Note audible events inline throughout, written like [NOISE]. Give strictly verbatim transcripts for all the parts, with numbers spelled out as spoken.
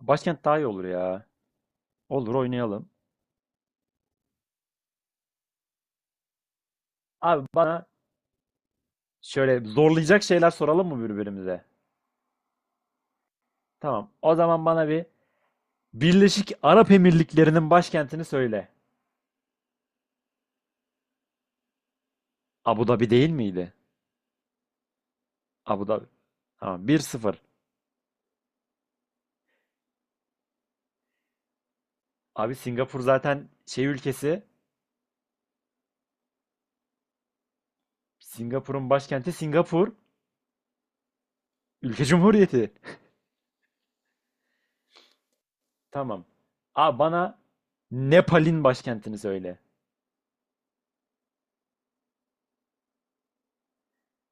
Başkent daha iyi olur ya. Olur oynayalım. Abi bana şöyle zorlayacak şeyler soralım mı birbirimize? Tamam. O zaman bana bir Birleşik Arap Emirlikleri'nin başkentini söyle. Abu Dhabi değil miydi? Abu Dhabi. Tamam. Bir sıfır. Abi Singapur zaten şey ülkesi. Singapur'un başkenti Singapur. Ülke Cumhuriyeti. [LAUGHS] Tamam. Abi bana Nepal'in başkentini söyle.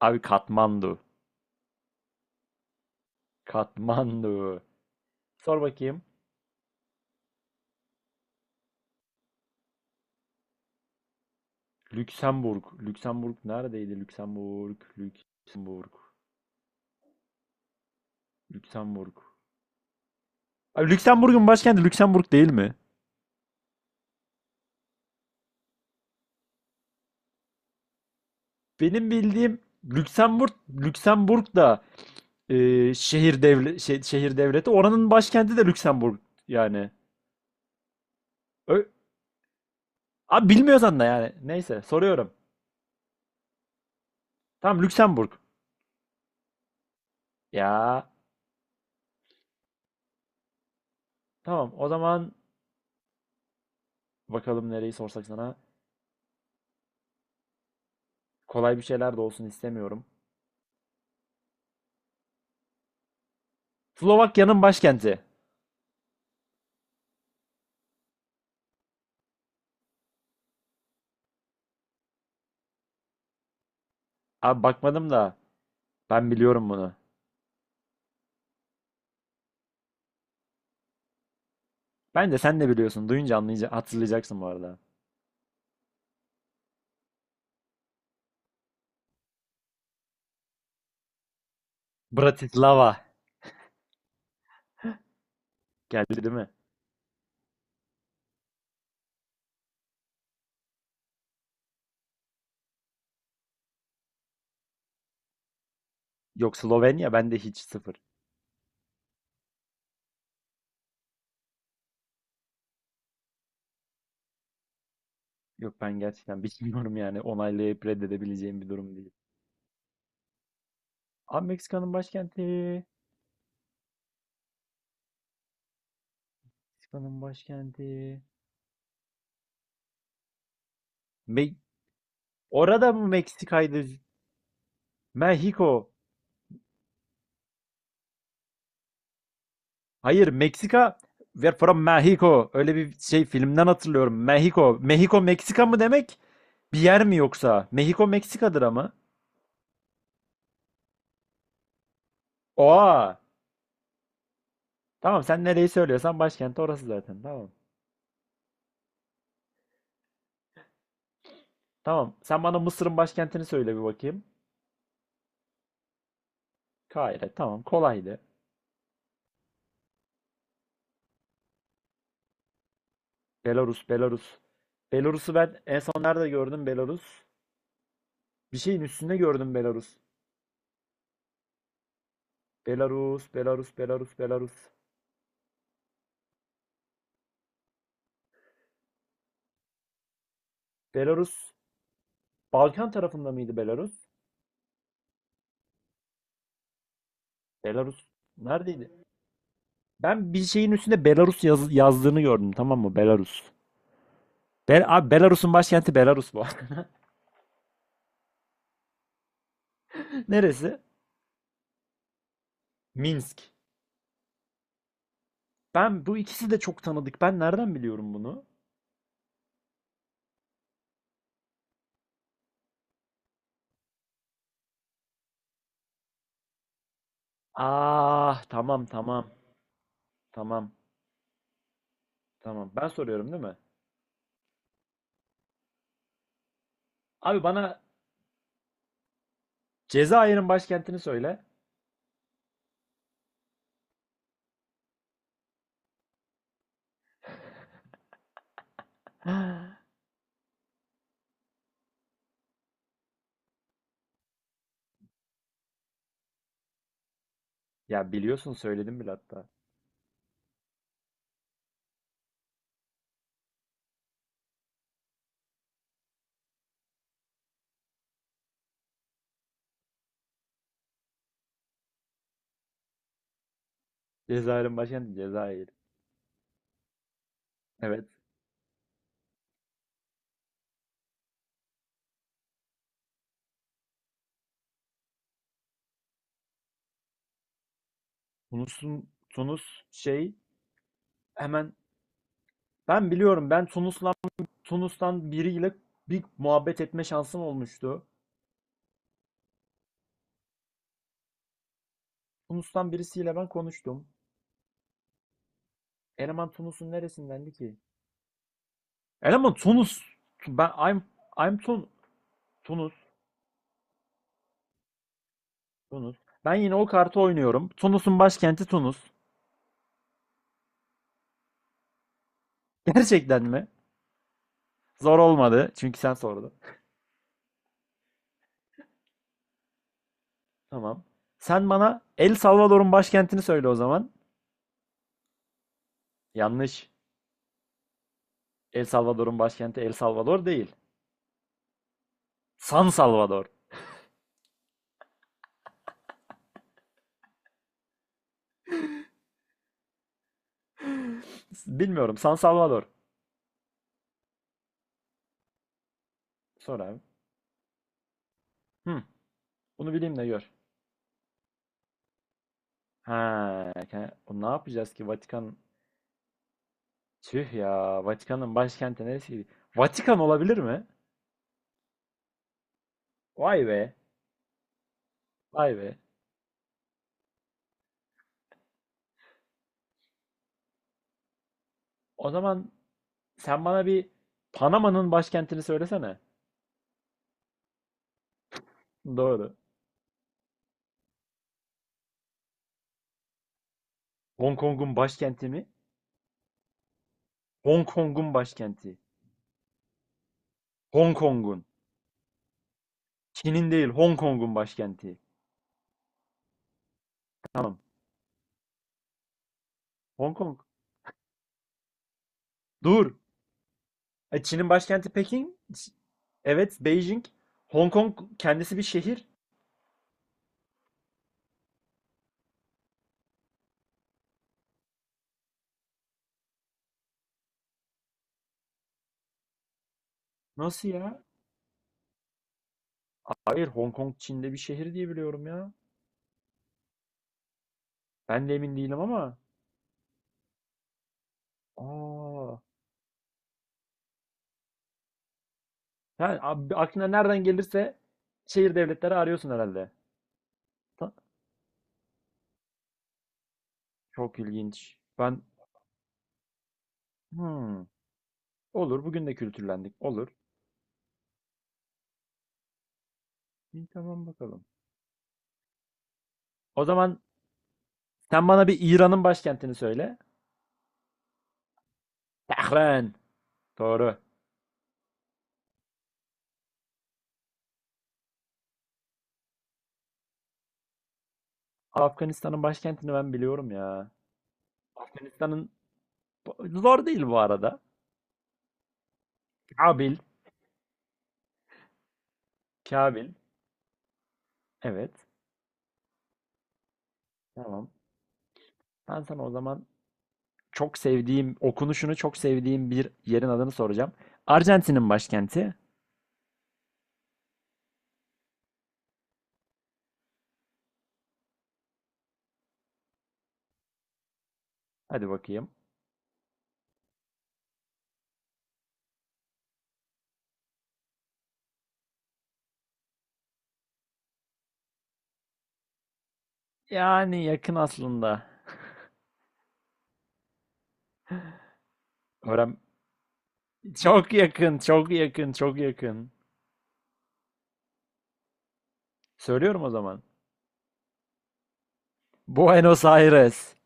Abi Katmandu. Katmandu. Sor bakayım. Lüksemburg. Lüksemburg neredeydi? Lüksemburg. Lüksemburg. Lüksemburg. Abi Lüksemburg'un başkenti Lüksemburg değil mi? Benim bildiğim Lüksemburg, Lüksemburg da e, şehir devlet şey, şehir devleti. Oranın başkenti de Lüksemburg yani. Ö- Abi bilmiyorsan da yani. Neyse soruyorum. Tamam Lüksemburg. Ya, tamam o zaman bakalım nereyi sorsak sana. Kolay bir şeyler de olsun istemiyorum. Slovakya'nın başkenti. Abi bakmadım da ben biliyorum bunu. Bence sen de biliyorsun. Duyunca anlayaca- hatırlayacaksın bu arada. Bratislava. Geldi değil mi? Yok, Slovenya bende hiç sıfır. Yok, ben gerçekten bilmiyorum yani onaylayıp reddedebileceğim bir durum değil. Abi Meksika'nın başkenti. Meksika'nın başkenti. Me Orada mı Meksika'ydı? Mexico. Hayır, Meksika. We're from Mexico. Öyle bir şey filmden hatırlıyorum. Mexico. Mexico Meksika mı demek? Bir yer mi yoksa? Mexico Meksika'dır ama. Oha. Tamam, sen nereyi söylüyorsan başkenti orası zaten. Tamam. Tamam. Sen bana Mısır'ın başkentini söyle bir bakayım. Kahire. Tamam. Kolaydı. Belarus. Belarus. Belarus'u ben en son nerede gördüm Belarus? Bir şeyin üstünde gördüm Belarus. Belarus. Belarus. Belarus. Belarus. Belarus. Balkan tarafında mıydı Belarus? Belarus. Neredeydi? Ben bir şeyin üstünde Belarus yaz- yazdığını gördüm. Tamam mı? Belarus. Bel Abi Belarus'un başkenti Belarus bu. [LAUGHS] Neresi? Minsk. Ben bu ikisi de çok tanıdık. Ben nereden biliyorum bunu? Ah, tamam tamam tamam tamam. Ben soruyorum değil mi? Abi bana Cezayir'in başkentini söyle. [GASPS] Ya biliyorsun söyledim bile hatta. Cezayir'in başkenti Cezayir. Evet. Tunus'un Tunus şey hemen ben biliyorum ben Tunus'la Tunus'tan biriyle bir muhabbet etme şansım olmuştu. Tunus'tan birisiyle ben konuştum. Eleman Tunus'un neresindendi ki? Eleman Tunus. Ben I'm I'm Tun Tunus. Tunus. Ben yine o kartı oynuyorum. Tunus'un başkenti Tunus. [LAUGHS] Gerçekten mi? Zor olmadı. Çünkü sen sordun. Tamam. Sen bana El Salvador'un başkentini söyle o zaman. Yanlış. El Salvador'un başkenti El Salvador değil. San Salvador. [LAUGHS] Bilmiyorum. San Salvador. Sor abi. Hı. Bunu bileyim de gör. Ha, ke- ne yapacağız ki Vatikan? Tüh ya. Vatikan'ın başkenti neresiydi? Vatikan olabilir mi? Vay be. Vay be. O zaman sen bana bir Panama'nın başkentini söylesene. Doğru. Hong Kong'un başkenti mi? Hong Kong'un başkenti. Hong Kong'un. Çin'in değil, Hong Kong'un başkenti. Tamam. Hong Kong. Dur. E, Çin'in başkenti Pekin. Ç- Evet, Beijing. Hong Kong kendisi bir şehir. Nasıl ya? Hayır, Hong Kong Çin'de bir şehir diye biliyorum ya. Ben de emin değilim ama. Aa. Yani abi, aklına nereden gelirse şehir devletleri arıyorsun herhalde. Ta- Çok ilginç. Ben Hmm. Olur. Bugün de kültürlendik. Olur. İyi, tamam bakalım. O zaman sen bana bir İran'ın başkentini söyle. Tehran. Doğru. Afganistan'ın başkentini ben biliyorum ya. Afganistan'ın zor değil bu arada. Kabil. Kabil. Evet. Tamam. Ben sana o zaman çok sevdiğim, okunuşunu çok sevdiğim bir yerin adını soracağım. Arjantin'in başkenti. Hadi bakayım. Yani yakın aslında. Öğren... Çok yakın, çok yakın, çok yakın. Söylüyorum o zaman. Buenos Aires.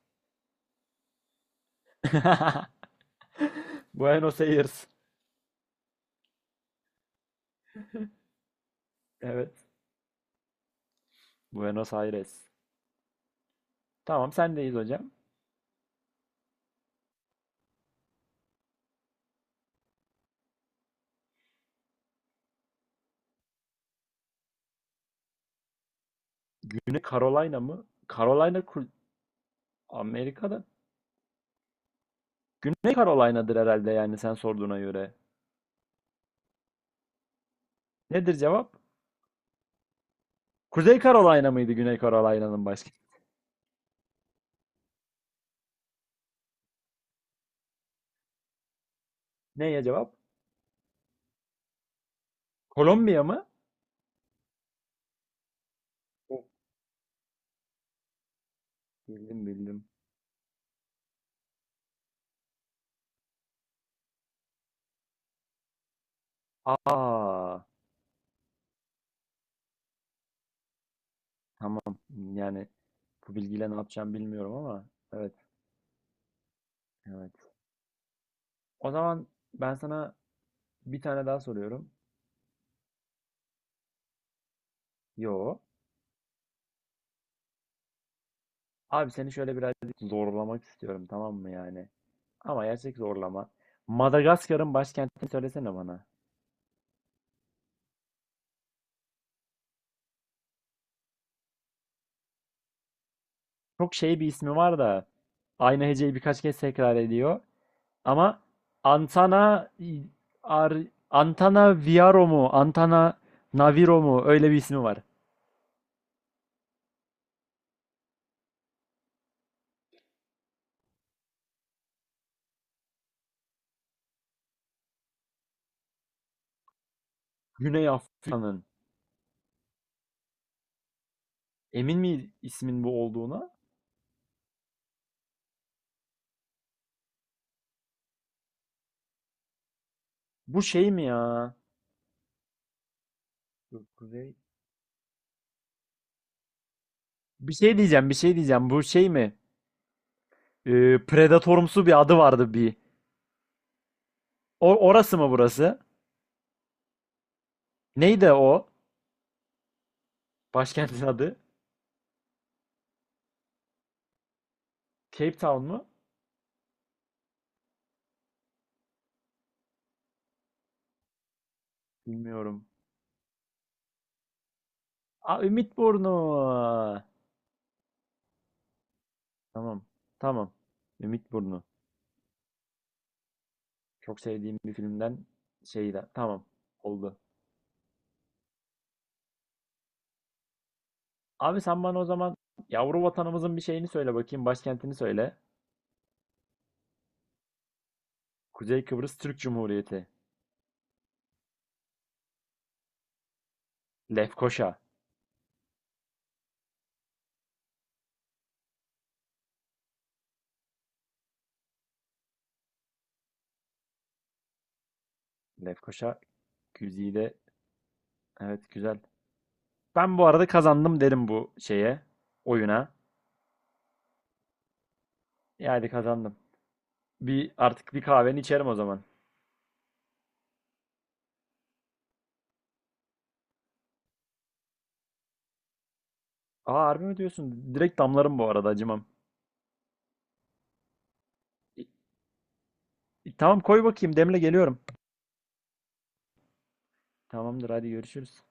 [LAUGHS] Buenos Aires. Evet. Buenos Aires. Tamam sendeyiz hocam. Güney Carolina mı? Carolina kul- Amerika'da. Güney Carolina'dır herhalde yani sen sorduğuna göre. Nedir cevap? Kuzey Carolina mıydı Güney Carolina'nın başkenti? Neye cevap? Kolombiya mı? Oh, bildim bildim. Aa, tamam. Yani bu bilgiyle ne yapacağım bilmiyorum ama evet evet. O zaman ben sana bir tane daha soruyorum. Yo. Abi seni şöyle birazcık zorlamak istiyorum tamam mı yani? Ama gerçek zorlama. Madagaskar'ın başkentini söylesene bana. Çok şey bir ismi var da aynı heceyi birkaç kez tekrar ediyor. Ama Antana Ar, Antana Viaro mu? Antana Naviro mu? Öyle bir ismi var. Güney Afrika'nın. Emin mi ismin bu olduğuna? Bu şey mi ya? Dur, Kuzey. Bir şey diyeceğim, bir şey diyeceğim. Bu şey mi? Ee, Predatorumsu bir adı vardı bir. O, orası mı burası? Neydi o? Başkentin adı? Cape Town mu? Bilmiyorum. Aa, Ümitburnu. Tamam. Tamam. Ümitburnu. Çok sevdiğim bir filmden şeydi. Tamam. Oldu. Abi sen bana o zaman yavru vatanımızın bir şeyini söyle bakayım. Başkentini söyle. Kuzey Kıbrıs Türk Cumhuriyeti. Lefkoşa. Lefkoşa güzide. Evet güzel. Ben bu arada kazandım derim bu şeye. Oyuna. Yani kazandım. Bir artık bir kahveni içerim o zaman. Aa, harbi mi diyorsun? Direkt damlarım bu arada acımam. İ- Tamam koy bakayım demle geliyorum. Tamamdır hadi görüşürüz.